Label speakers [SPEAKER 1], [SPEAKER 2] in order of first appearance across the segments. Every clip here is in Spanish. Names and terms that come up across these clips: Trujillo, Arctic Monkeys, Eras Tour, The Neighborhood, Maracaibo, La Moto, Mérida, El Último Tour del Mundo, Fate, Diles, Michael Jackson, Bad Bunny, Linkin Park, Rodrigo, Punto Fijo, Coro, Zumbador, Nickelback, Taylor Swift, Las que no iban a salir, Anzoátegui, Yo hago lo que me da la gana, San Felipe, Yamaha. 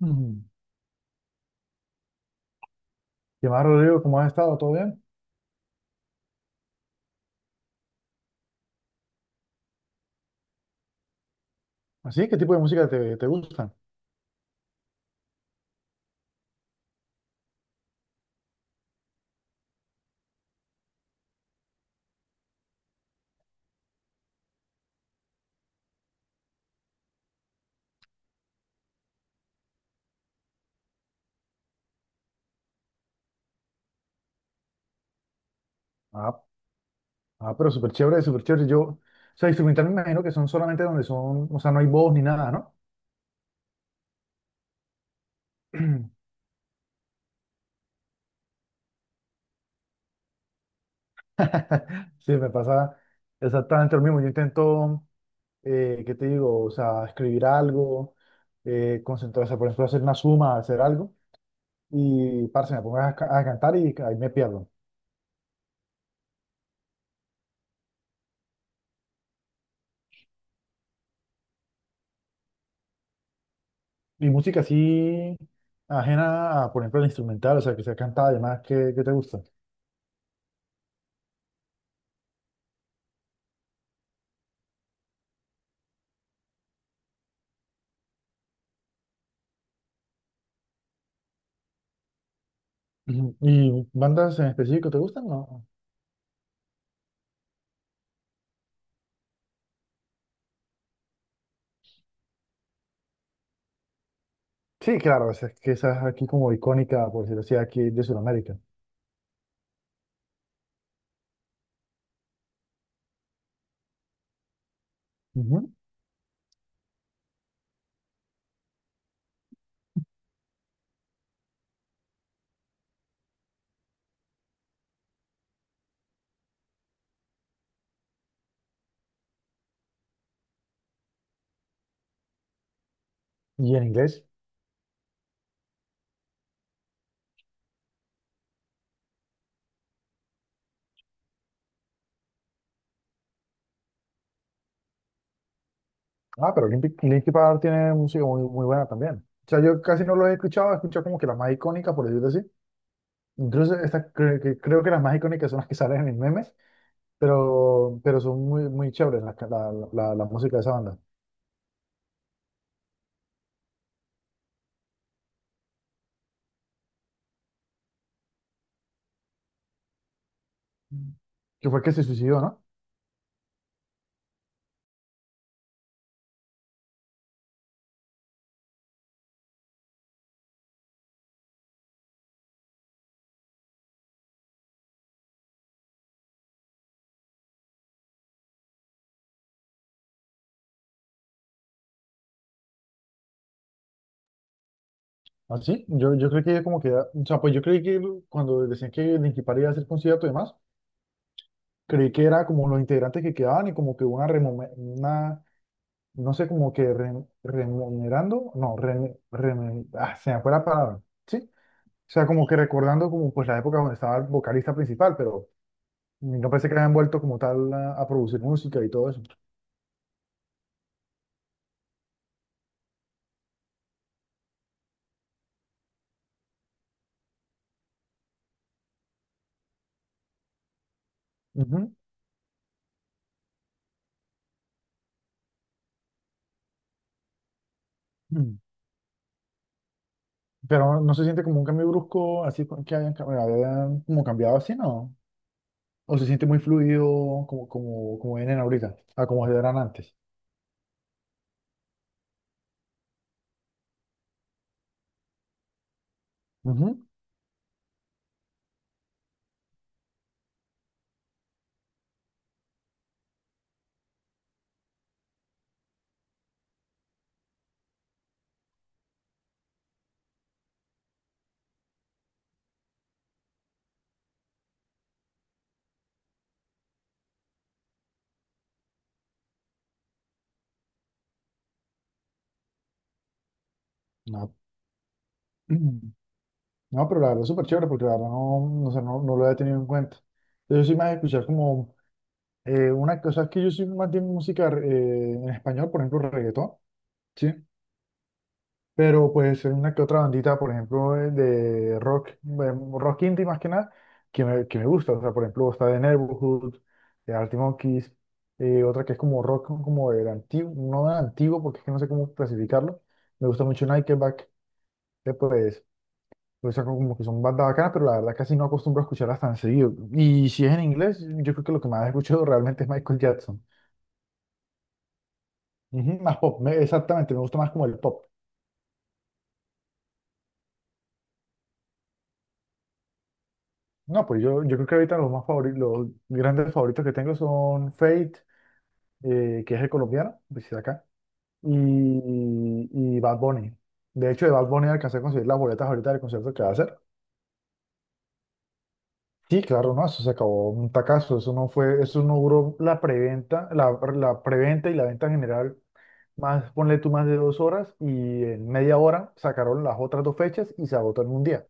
[SPEAKER 1] Mm. ¿Qué más, Rodrigo? ¿Cómo has estado? ¿Todo bien? ¿Así? ¿Qué tipo de música te gusta? Ah, ah, pero súper chévere, súper chévere. Yo, o sea, instrumental me imagino que son solamente donde son, o sea, no hay voz ni nada, ¿no? Sí, me pasa exactamente lo mismo. Yo intento, ¿qué te digo? O sea, escribir algo, concentrarse, por ejemplo, hacer una suma, hacer algo, y parce, me pongo a cantar y ahí me pierdo. Y música así ajena a, por ejemplo, el instrumental, o sea, que sea cantada, además, ¿qué te gusta? Ujú. ¿Y bandas en específico te gustan? No. Sí, claro, es que esa es aquí como icónica, por decirlo así, aquí de Sudamérica. Ujú. ¿Y en inglés? Ah, pero Linkin Park tiene música muy, muy buena también. O sea, yo casi no lo he escuchado como que las más icónicas, por decirlo así. Incluso estas creo que las más icónicas son las que salen en memes, pero son muy, muy chéveres las ca- la música de esa banda. ¿Que fue el que se suicidó, no? ¿Ah, sí? Yo creo que como que, o sea, pues yo creí que cuando decían que Linkin Park iba a hacer concierto y demás, creí que era como los integrantes que quedaban y como que una, no sé, como que remunerando, no, se me fue la palabra, ¿sí? O sea, como que recordando como pues la época donde estaba el vocalista principal, pero no pensé que habían vuelto como tal a producir música y todo eso. Ujú. Mm. Pero no se siente como un cambio brusco, así que hayan como cambiado así, ¿no? O se siente muy fluido como vienen ahorita, a como eran antes. Ujú. No. No, pero la verdad es súper chévere porque la verdad sé, no lo había tenido en cuenta. Yo soy más de escuchar como una cosa es que yo soy más de música en español, por ejemplo, reggaetón, ¿sí? Pero pues hay una que otra bandita, por ejemplo, de rock, rock indie más que nada, que me gusta. O sea, por ejemplo, está The Neighborhood, de Arctic Monkeys, otra que es como rock como del antiguo, no del antiguo porque es que no sé cómo clasificarlo. Me gusta mucho Nickelback, después pues saco como que son bandas bacanas, pero la verdad casi no acostumbro a escucharlas tan seguido. Y si es en inglés, yo creo que lo que más he escuchado realmente es Michael Jackson. Ujú, más pop, me- exactamente, me gusta más como el pop. No, pues yo creo que ahorita los más favoritos, los grandes favoritos que tengo son Fate, que es el colombiano, pues sí, de acá, y, y Bad Bunny. De hecho, de Bad Bunny alcancé a conseguir las boletas ahorita del concierto que va a hacer. Sí, claro, no, eso se acabó un tacazo, eso no fue, eso no duró la preventa, la preventa y la venta general más, ponle tú más de 2 horas y en media hora sacaron las otras dos fechas y se agotó en un día.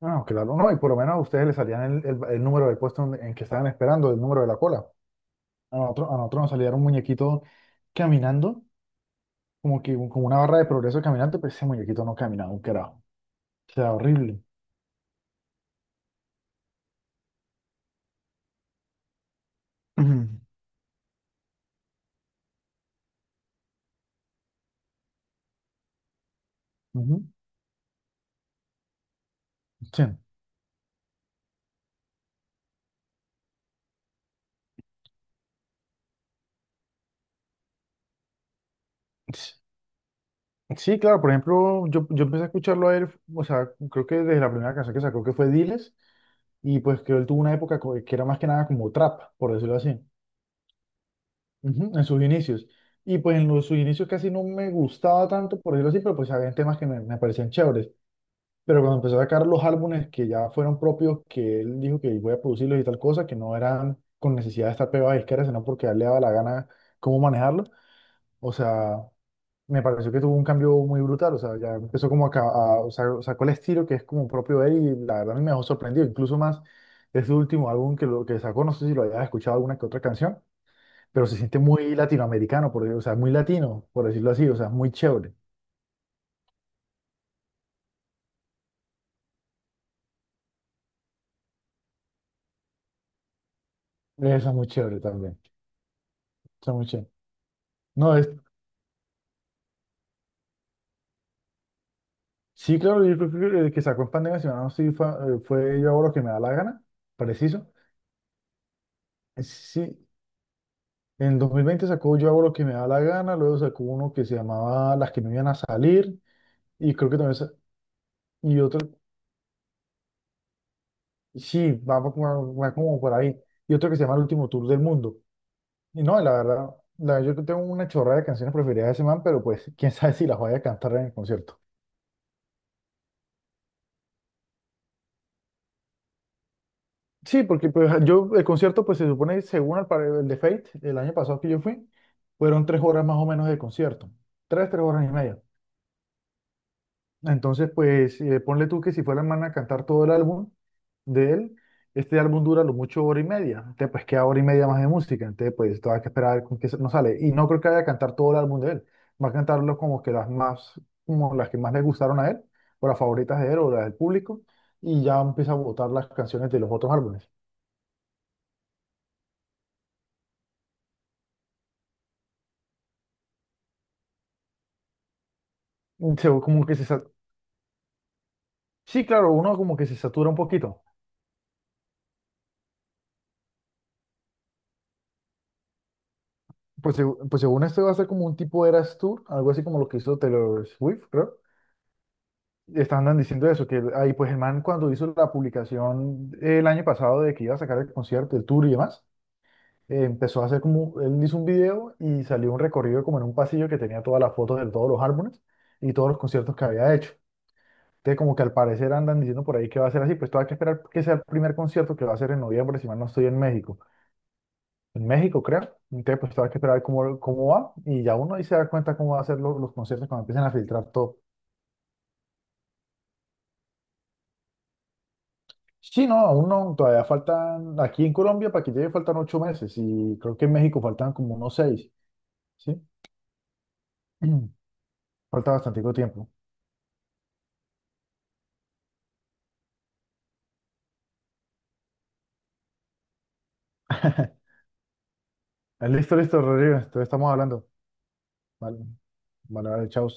[SPEAKER 1] No, no, claro, no, y por lo menos a ustedes les salían el número del puesto en que estaban esperando, el número de la cola. A nosotros, nos salía un muñequito caminando, como que como una barra de progreso caminante, pero ese muñequito no caminaba un carajo. O sea, horrible. Ujú. Ujú. Sí. S- Sí, claro, por ejemplo, yo empecé a escucharlo a él, o sea, creo que desde la primera canción que sacó, que fue Diles, y pues que él tuvo una época que era más que nada como trap, por decirlo así. Ujú, en sus inicios. Y pues en sus inicios casi no me gustaba tanto, por decirlo así, pero pues había temas que me parecían chéveres. Pero cuando empezó a sacar los álbumes que ya fueron propios, que él dijo que voy a producirlos y tal cosa, que no eran con necesidad de estar pegado a disquera, sino porque a él le daba la gana cómo manejarlo. O sea, me pareció que tuvo un cambio muy brutal, o sea, ya empezó como o sea, sacó el estilo que es como propio de él y la verdad a mí me dejó sorprendido, incluso más ese último álbum que sacó, no sé si lo hayas escuchado alguna que otra canción, pero se siente muy latinoamericano, por, o sea, muy latino, por decirlo así, o sea, muy chévere. Esa es muy chévere también, esa es muy chévere. No, es, sí, claro, yo creo que el que sacó en pandemia, si no, sí, fue, fue Yo hago lo que me da la gana, preciso. Sí, en 2020 sacó Yo hago lo que me da la gana, luego sacó uno que se llamaba Las que no iban a salir, y creo que también, y otro, sí, va como por ahí. Y otro que se llama El Último Tour del Mundo. Y no, la verdad, yo tengo una chorrada de canciones preferidas de ese man, pero pues quién sabe si las voy a cantar en el concierto. Sí, porque pues yo, el concierto, pues se supone, según el de Fate, el año pasado que yo fui, fueron 3 horas más o menos de concierto. Tres horas y media. Entonces, pues ponle tú que si fuera el man a cantar todo el álbum de él, este álbum dura lo mucho hora y media. Entonces, pues queda hora y media más de música. Entonces, pues todavía hay que esperar a ver con qué no sale. Y no creo que vaya a cantar todo el álbum de él. Va a cantarlo como que las más, como las que más le gustaron a él, o las favoritas de él, o las del público. Y ya empieza a votar las canciones de los otros álbumes. Mm, Se- como que se, sa- sí, claro, uno como que se satura un poquito. Pues, pues según esto va a ser como un tipo Eras Tour, algo así como lo que hizo Taylor Swift, creo. Estaban diciendo eso, que ahí pues el man cuando hizo la publicación el año pasado de que iba a sacar el concierto, el tour y demás, empezó a hacer como, él hizo un video y salió un recorrido como en un pasillo que tenía todas las fotos de todos los álbumes y todos los conciertos que había hecho. Entonces como que al parecer andan diciendo por ahí que va a ser así, pues todavía hay que esperar que sea el primer concierto que va a ser en noviembre, si mal no estoy en México creo. Entonces pues todavía hay que esperar cómo, va y ya uno ahí se da cuenta cómo va a ser los conciertos cuando empiecen a filtrar todo. Sí, no, aún no, todavía faltan, aquí en Colombia para que llegue faltan 8 meses y creo que en México faltan como unos 6, ¿sí? Falta bastante tiempo. Listo, listo, Rodrigo, entonces estamos hablando. Vale, vale, vale, chao.